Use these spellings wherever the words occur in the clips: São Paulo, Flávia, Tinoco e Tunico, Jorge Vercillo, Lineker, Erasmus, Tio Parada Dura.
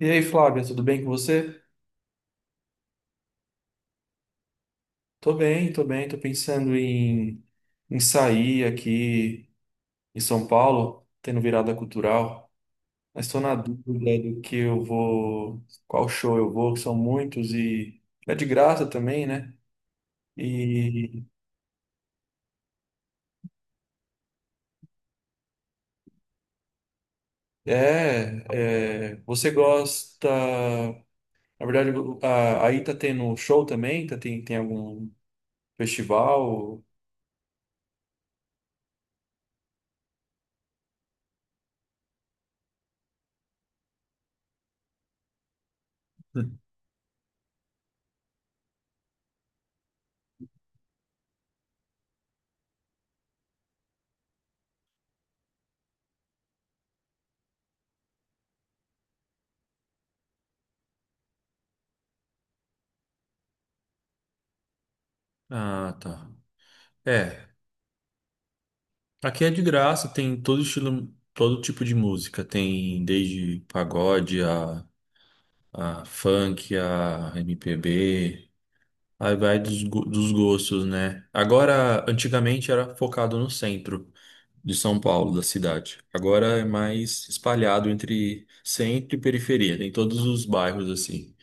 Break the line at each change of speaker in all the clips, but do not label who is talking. E aí, Flávia, tudo bem com você? Tô bem, tô bem, tô pensando em, sair aqui em São Paulo, tendo virada cultural, mas tô na dúvida do que eu vou, qual show eu vou, que são muitos e é de graça também, né? E você gosta, na verdade, aí tá tendo show também, tá, tem algum festival? Ah, tá. É. Aqui é de graça, tem todo estilo, todo tipo de música. Tem desde pagode a funk, a MPB. Aí vai dos gostos, né? Agora, antigamente era focado no centro de São Paulo, da cidade. Agora é mais espalhado entre centro e periferia, tem todos os bairros assim.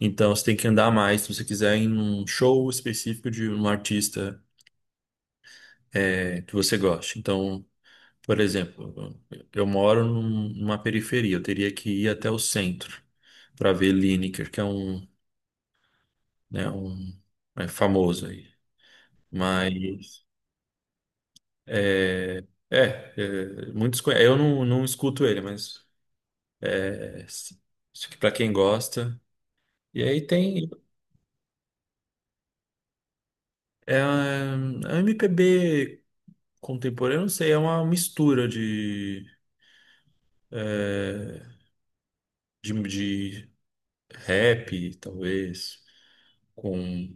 Então você tem que andar mais se você quiser em um show específico de um artista é, que você goste. Então. Por exemplo, eu moro numa periferia, eu teria que ir até o centro para ver Lineker, que é um, né, um é famoso aí. Mas é, eu não escuto ele, mas é, para quem gosta. E aí tem é, a MPB contemporânea, eu não sei, é uma mistura de, de rap, talvez, com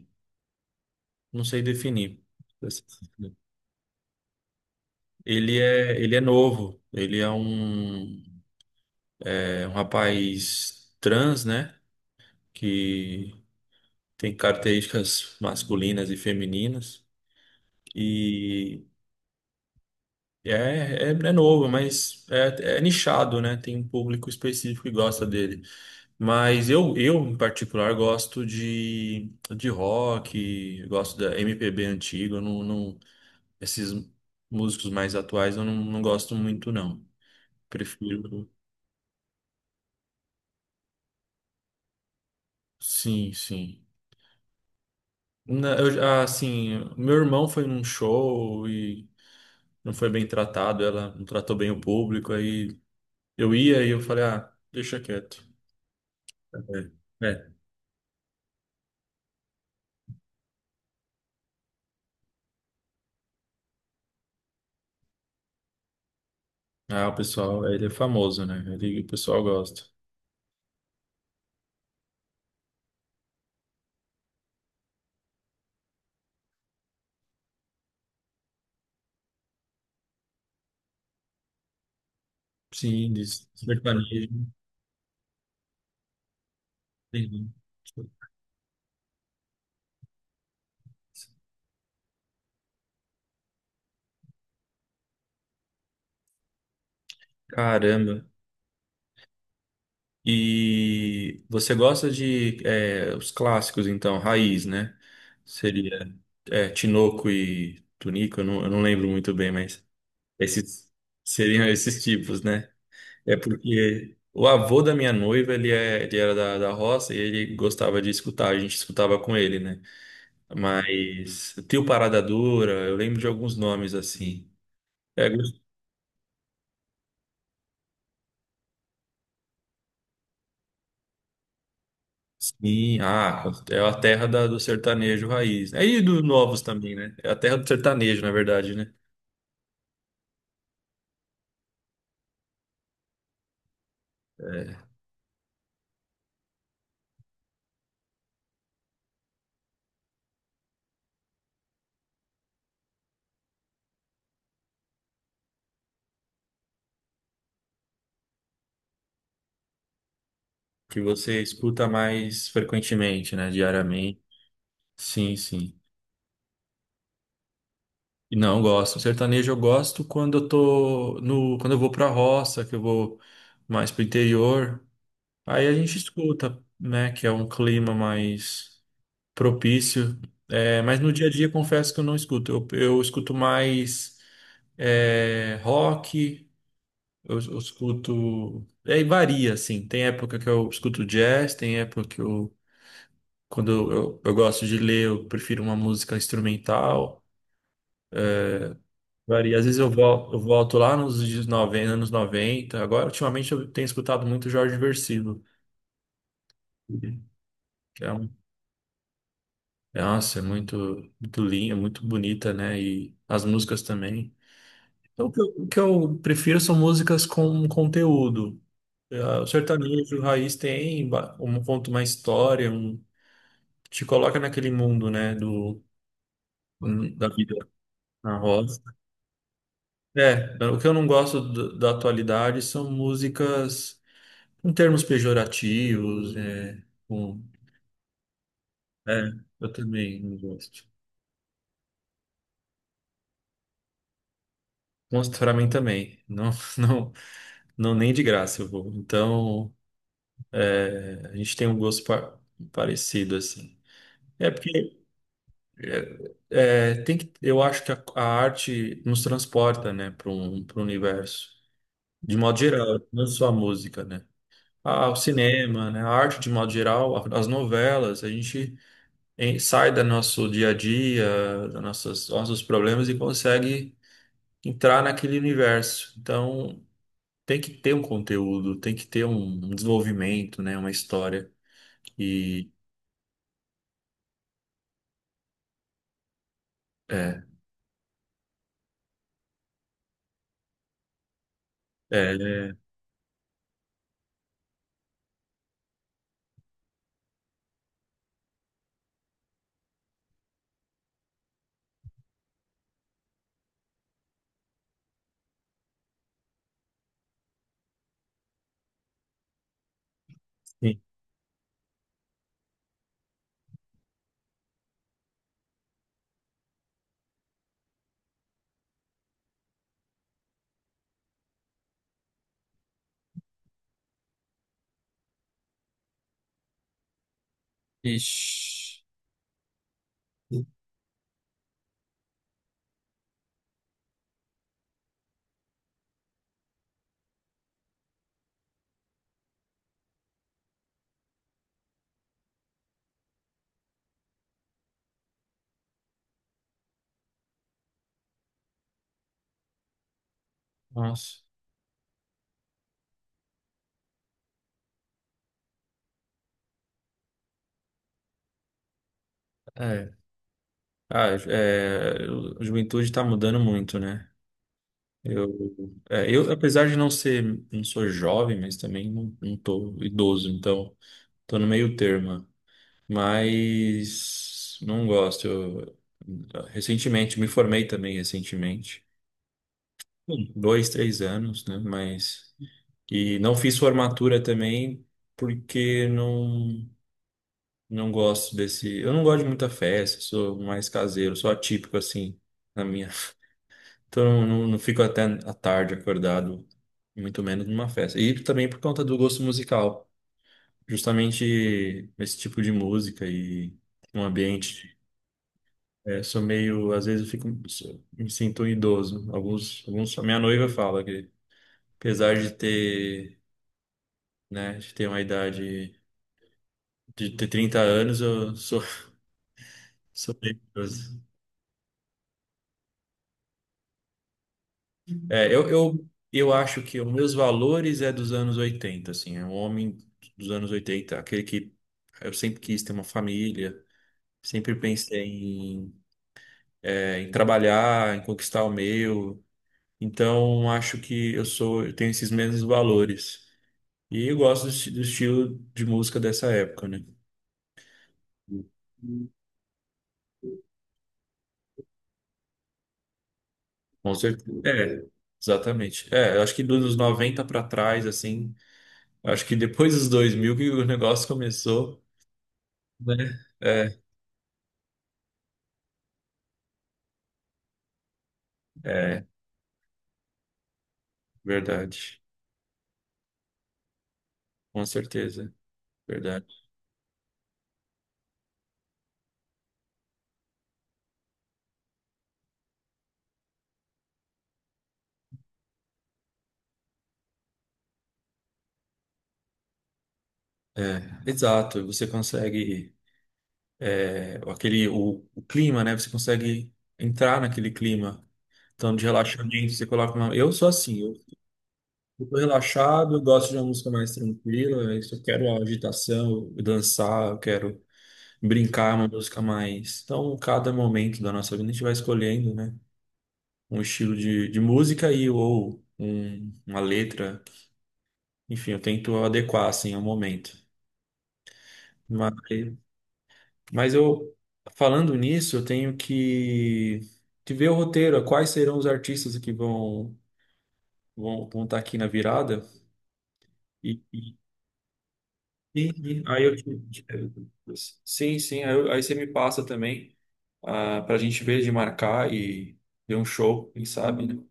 não sei definir. Ele é novo, ele é um rapaz trans, né? Que tem características masculinas e femininas. E é, é novo, mas é nichado, né? Tem um público específico que gosta dele. Mas eu em particular, gosto de rock, gosto da MPB antiga, eu não, não- esses músicos mais atuais eu não, não gosto muito, não. Prefiro. Sim, sim. Assim, meu irmão foi num show e não foi bem tratado, ela não tratou bem o público, aí eu ia e eu falei, ah, deixa quieto. É, é. Ah, o pessoal, ele é famoso, né? Ele, o pessoal gosta. Sim, de sertanejo. Entendi. Caramba. E você gosta de é, os clássicos, então, raiz, né? Seria é, Tinoco e Tunico, eu não lembro muito bem, mas... Esses seriam esses tipos, né? É porque o avô da minha noiva, ele, é, ele era da roça e ele gostava de escutar, a gente escutava com ele, né? Mas Tio Parada Dura, eu lembro de alguns nomes assim. É, gos- sim, ah, é a do sertanejo raiz. Aí dos novos também, né? É a terra do sertanejo, na verdade, né? É, que você escuta mais frequentemente, né? Diariamente. Sim, sim. Não, eu gosto. Sertanejo eu gosto quando eu tô no, quando eu vou pra roça, que eu vou mais pro interior. Aí a gente escuta, né, que é um clima mais propício. É, mas no dia a dia confesso que eu não escuto. Eu escuto mais é, rock, eu escuto. Aí varia, assim. Tem época que eu escuto jazz, tem época que eu, eu gosto de ler, eu prefiro uma música instrumental. Varia. Às vezes eu volto lá nos dias 90, anos noventa. Agora, ultimamente, eu tenho escutado muito Jorge Vercillo, que é um, é, nossa, é muito, muito linda, muito bonita, né? E as músicas também. Então, o que eu prefiro são músicas com conteúdo. É, o sertanejo raiz tem um ponto, uma história, um, te coloca naquele mundo, né? Do, da vida na roça. É, o que eu não gosto da atualidade são músicas. Com termos pejorativos, é, com, é, eu também não gosto. Mostro pra mim também. Não, não, não, nem de graça eu vou. Então, é, a gente tem um parecido, assim. É porque tem que, eu acho que a arte nos transporta, né, para um, para o universo. De modo geral, não só a música, né? Ah, o cinema, né? A arte de modo geral, as novelas, a gente. Sai do nosso dia a dia, nossos problemas e consegue entrar naquele universo. Então, tem que ter um conteúdo, tem que ter um, um desenvolvimento, né? Uma história. E é, é, é, sim. Ixi, nossa, é. Ah, é, a juventude está mudando muito, né? Eu, apesar de não ser, não sou jovem, mas também não tô idoso, então tô no meio termo. Mas não gosto. Eu, recentemente, me formei também recentemente, dois, três anos, né? Mas e não fiz formatura também porque não não gosto desse. Eu não gosto de muita festa, sou mais caseiro, sou atípico assim na minha. Então não, fico até a tarde acordado, muito menos numa festa. E também por conta do gosto musical, justamente esse tipo de música e um ambiente. É, sou meio, às vezes eu fico, me sinto um idoso. Alguns, a minha noiva fala que, apesar de ter, né, de ter uma idade, de ter 30 anos, eu sou, sou meio idoso. É, eu acho que os meus valores é dos anos 80 assim, é um homem dos anos 80 aquele que eu sempre quis ter uma família, sempre pensei em, é, em trabalhar, em conquistar o meu. Então, acho que eu sou, eu tenho esses mesmos valores. E eu gosto do, do estilo de música dessa época, né? Com certeza. É, exatamente. É, eu acho que dos noventa, 90 pra trás, assim, eu acho que depois dos 2000 que o negócio começou, né? É, é, verdade. Com certeza, verdade. Exato, você consegue, é, aquele, o clima, né? Você consegue entrar naquele clima. Então, de relaxamento, você coloca uma... Eu sou assim, eu tô relaxado, eu gosto de uma música mais tranquila. É isso, eu quero agitação, eu dançar, eu quero brincar, é uma música mais. Então, cada momento da nossa vida a gente vai escolhendo, né? Um estilo de música e ou uma letra. Enfim, eu tento adequar assim ao momento. Mas, mas eu falando nisso, eu tenho que ver o roteiro, quais serão os artistas que vão vão estar aqui na virada. E, sim, aí eu te, te- sim, sim, aí, aí você me passa também ah, para a gente ver de marcar e ver um show, quem sabe, né?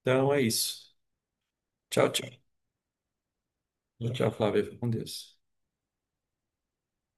Então é isso. Tchau, tchau. Tchau, Flávia. Fica com Deus.